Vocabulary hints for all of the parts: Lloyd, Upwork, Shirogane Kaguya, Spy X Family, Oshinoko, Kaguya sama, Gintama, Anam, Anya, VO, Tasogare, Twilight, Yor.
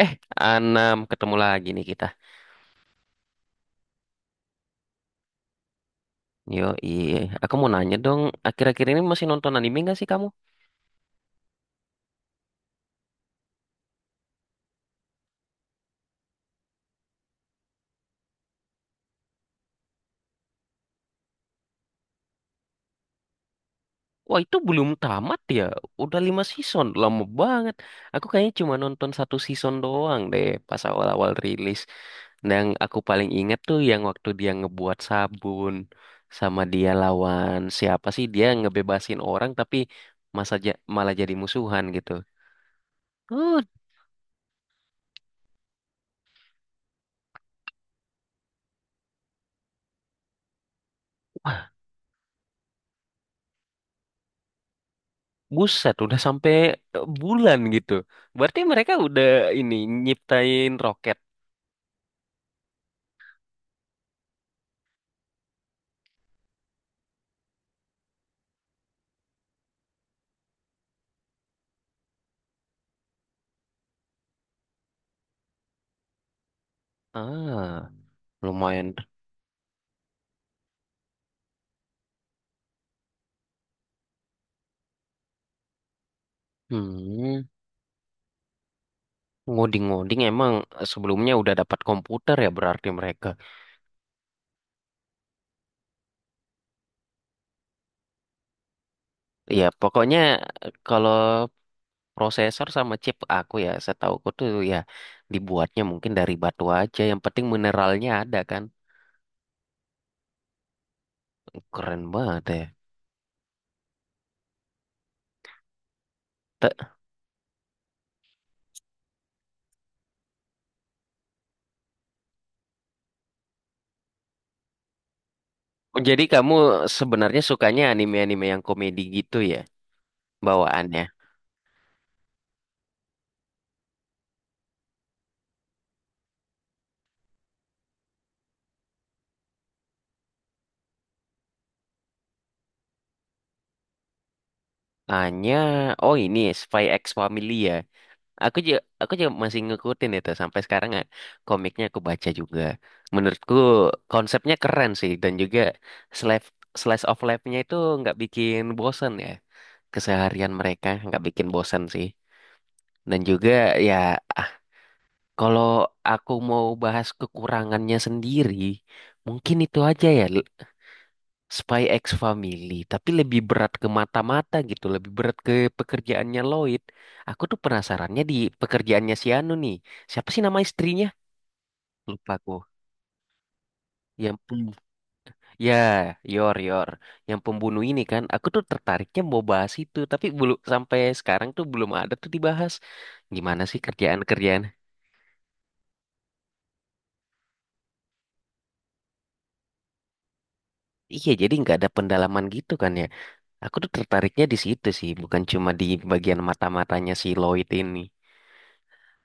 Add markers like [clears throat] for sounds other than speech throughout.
Eh, Anam, ketemu lagi nih kita. Yo, iya. Aku mau nanya dong, akhir-akhir ini masih nonton anime gak sih kamu? Wah, itu belum tamat ya. Udah 5 season, lama banget. Aku kayaknya cuma nonton satu season doang deh pas awal-awal rilis. Dan aku paling inget tuh yang waktu dia ngebuat sabun sama dia lawan siapa sih? Dia ngebebasin orang tapi malah jadi musuhan gitu. Uh, Buset, udah sampai eh, bulan gitu. Berarti mereka udah ini nyiptain roket. Ah, lumayan. Hmm, ngoding-ngoding emang sebelumnya udah dapat komputer ya berarti mereka. Ya, pokoknya kalau prosesor sama chip aku ya, setauku tuh ya dibuatnya mungkin dari batu aja. Yang penting mineralnya ada kan. Keren banget ya. Te- Jadi kamu sebenarnya sukanya anime-anime yang komedi gitu ya bawaannya? Hanya, oh ini Spy X Family ya. Aku juga masih ngikutin itu sampai sekarang ya. Komiknya aku baca juga. Menurutku konsepnya keren sih dan juga slash slice of life-nya itu nggak bikin bosan ya. Keseharian mereka nggak bikin bosan sih. Dan juga ya, ah, kalau aku mau bahas kekurangannya sendiri, mungkin itu aja ya. Spy X Family, tapi lebih berat ke mata-mata gitu, lebih berat ke pekerjaannya Lloyd. Aku tuh penasarannya di pekerjaannya si Anu nih. Siapa sih nama istrinya? Lupa aku. Yang pem ya, Yor Yor, yang pembunuh ini kan. Aku tuh tertariknya mau bahas itu, tapi belum sampai sekarang tuh belum ada tuh dibahas. Gimana sih kerjaan-kerjaan? Iya, jadi nggak ada pendalaman gitu kan ya. Aku tuh tertariknya di situ sih, bukan cuma di bagian mata-matanya si Lloyd ini.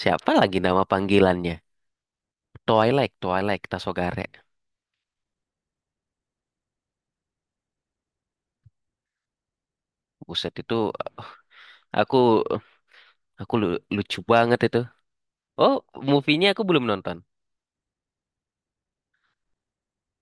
Siapa lagi nama panggilannya? Twilight, Twilight, Tasogare. Buset itu aku aku lucu banget itu. Oh, movie-nya aku belum nonton.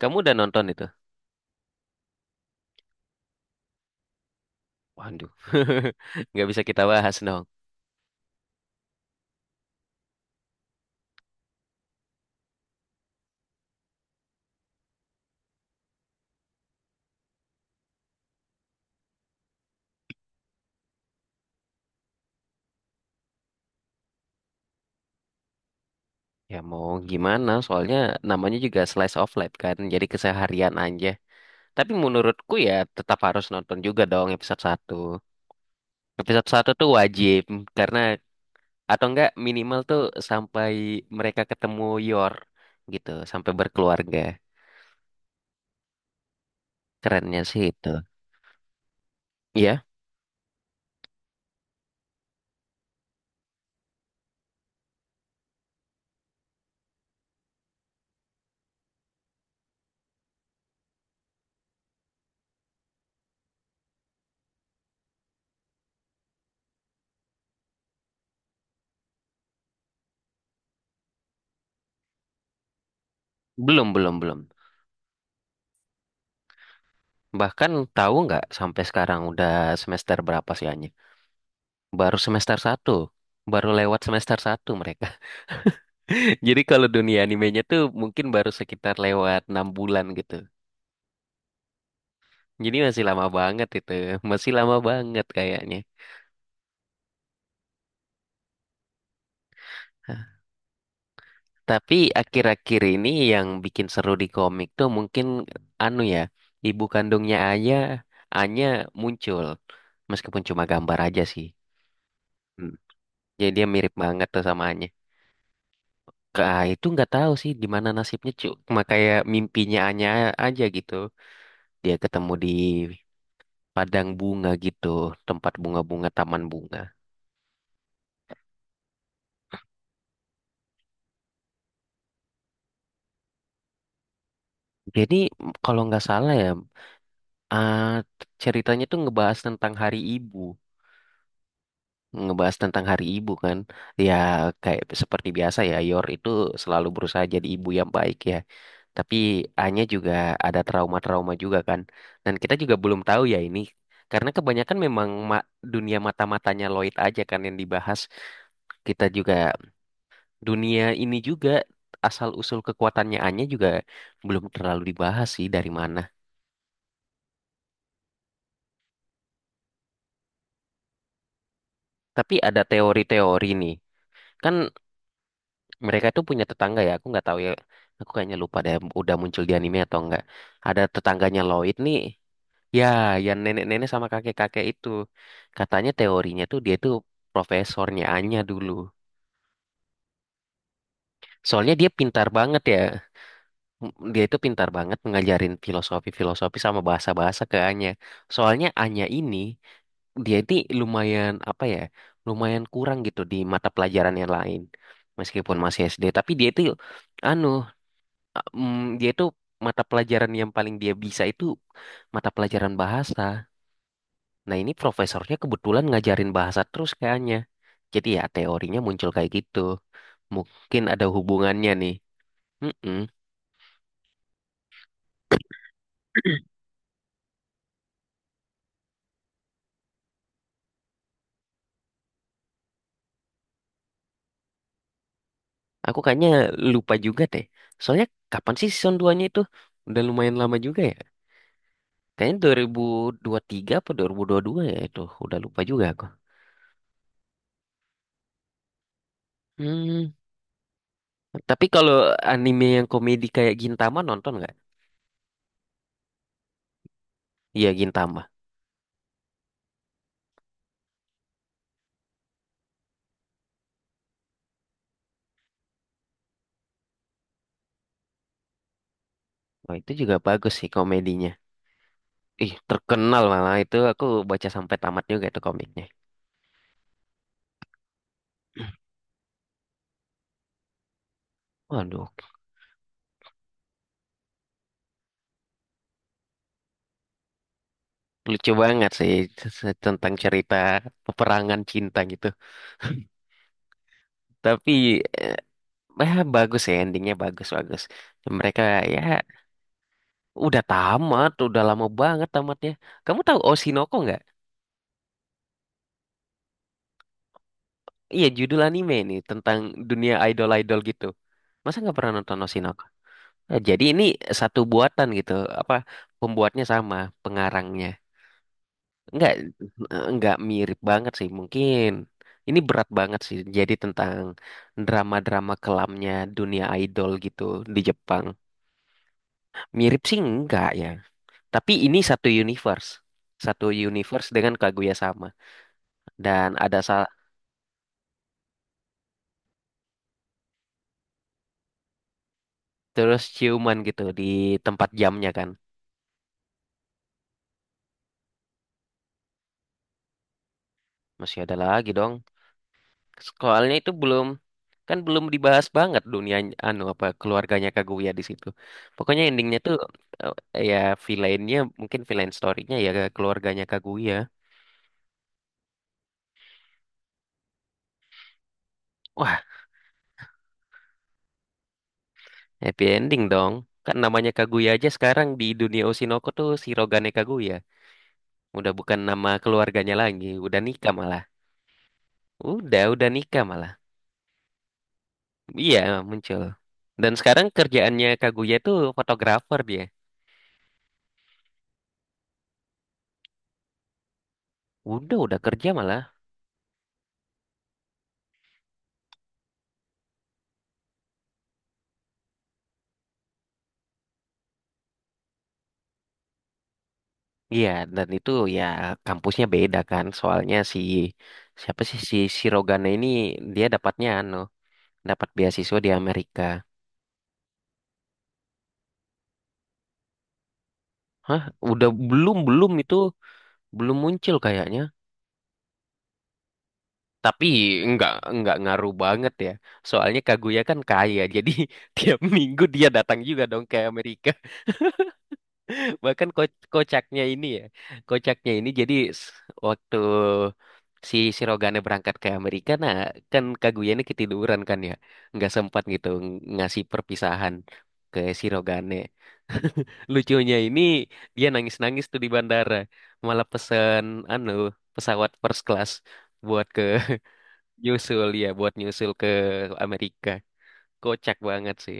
Kamu udah nonton itu? Waduh. [laughs] Nggak bisa kita bahas dong. Ya mau gimana, soalnya namanya juga slice of life kan, jadi keseharian aja. Tapi menurutku ya tetap harus nonton juga dong episode satu. Episode satu tuh wajib, karena atau enggak minimal tuh sampai mereka ketemu Yor gitu, sampai berkeluarga. Kerennya sih itu. Iya. Belum, belum, belum. Bahkan tahu nggak sampai sekarang udah semester berapa sih Anya? Baru semester satu. Baru lewat semester satu mereka. [laughs] Jadi kalau dunia animenya tuh mungkin baru sekitar lewat 6 bulan gitu. Jadi masih lama banget itu. [laughs] Masih lama banget kayaknya. Hah. Tapi akhir-akhir ini yang bikin seru di komik tuh mungkin anu ya, ibu kandungnya Anya, Anya muncul. Meskipun cuma gambar aja sih. Hmm. Jadi dia mirip banget tuh sama Anya. Kak, itu nggak tahu sih di mana nasibnya cuma kayak mimpinya Anya aja gitu dia ketemu di padang bunga gitu tempat bunga-bunga taman bunga jadi kalau nggak salah ya ah, ceritanya tuh ngebahas tentang Hari Ibu ngebahas tentang Hari Ibu kan. Ya kayak seperti biasa ya, Yor itu selalu berusaha jadi ibu yang baik ya. Tapi Anya juga ada trauma-trauma juga kan. Dan kita juga belum tahu ya ini. Karena kebanyakan memang dunia mata-matanya Lloyd aja kan yang dibahas. Kita juga dunia ini juga asal-usul kekuatannya Anya juga belum terlalu dibahas sih dari mana. Tapi ada teori-teori nih. Kan mereka tuh punya tetangga ya aku nggak tahu ya aku kayaknya lupa deh udah muncul di anime atau enggak ada tetangganya Lloyd nih ya yang nenek-nenek sama kakek-kakek itu katanya teorinya tuh dia tuh profesornya Anya dulu soalnya dia pintar banget ya dia itu pintar banget ngajarin filosofi-filosofi sama bahasa-bahasa ke Anya soalnya Anya ini dia ini lumayan apa ya lumayan kurang gitu di mata pelajaran yang lain meskipun masih SD tapi dia itu anu dia itu mata pelajaran yang paling dia bisa itu mata pelajaran bahasa. Nah, ini profesornya kebetulan ngajarin bahasa terus kayaknya. Jadi ya teorinya muncul kayak gitu. Mungkin ada hubungannya nih. Mm-mm. Aku kayaknya lupa juga deh. Soalnya kapan sih season 2-nya itu? Udah lumayan lama juga ya. Kayaknya 2023 apa 2022 ya itu. Udah lupa juga aku. Hmm. Tapi kalau anime yang komedi kayak Gintama nonton nggak? Iya Gintama. Oh, itu juga bagus sih komedinya. Ih, terkenal malah itu aku baca sampai tamat juga tuh komiknya. [clears throat] Waduh, lucu banget sih tentang cerita peperangan cinta gitu. Tapi eh, bagus ya endingnya bagus-bagus. Mereka ya udah tamat, udah lama banget tamatnya. Kamu tahu Oshinoko nggak? Iya judul anime nih tentang dunia idol-idol gitu. Masa nggak pernah nonton Oshinoko? Jadi ini satu buatan gitu, apa pembuatnya sama, pengarangnya. Enggak, enggak mirip banget sih. Mungkin ini berat banget sih. Jadi tentang drama-drama kelamnya dunia idol gitu di Jepang. Mirip sih enggak ya. Tapi ini satu universe. Satu universe dengan Kaguya sama. Dan ada terus ciuman gitu di tempat jamnya kan. Masih ada lagi dong. Soalnya itu belum kan belum dibahas banget dunia anu apa keluarganya Kaguya di situ. Pokoknya endingnya tuh ya villainnya mungkin villain story-nya ya keluarganya Kaguya. Wah, happy ending dong. Kan namanya Kaguya aja sekarang di dunia Oshinoko tuh Shirogane Kaguya. Udah bukan nama keluarganya lagi, udah nikah malah. Udah nikah malah. Iya, muncul. Dan sekarang kerjaannya Kaguya tuh fotografer dia. Udah kerja malah. Iya, dan itu ya kampusnya beda kan. Soalnya si siapa sih si Sirogane ini dia dapatnya anu, dapat beasiswa di Amerika. Hah, udah belum belum itu belum muncul kayaknya. Tapi nggak nggak ngaruh banget ya. Soalnya Kaguya kan kaya, jadi [laughs] tiap minggu dia datang juga dong ke Amerika. Bahkan kocaknya ini ya kocaknya ini jadi s- waktu si Sirogane berangkat ke Amerika nah kan Kaguya ini ketiduran kan ya nggak sempat gitu ngasih perpisahan ke Sirogane [laughs] lucunya ini dia nangis-nangis tuh di bandara malah pesen anu pesawat first class buat ke [laughs] nyusul ya buat nyusul ke Amerika kocak banget sih.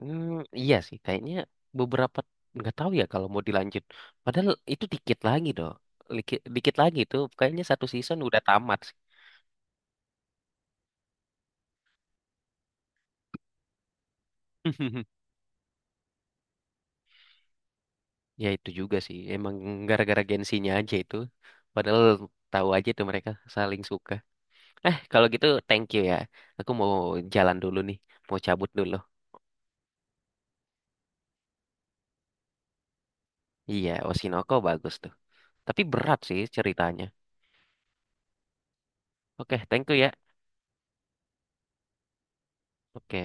Hmm, iya sih, kayaknya beberapa nggak tahu ya kalau mau dilanjut. Padahal itu dikit lagi doh, dikit, dikit lagi tuh. Kayaknya satu season udah tamat sih. [laughs] Ya itu juga sih, emang gara-gara gengsinya aja itu. Padahal tahu aja tuh mereka saling suka. Kalau gitu thank you ya. Aku mau jalan dulu nih, mau cabut dulu. Iya, Oshinoko bagus tuh. Tapi berat sih ceritanya. Oke, thank you ya. Oke.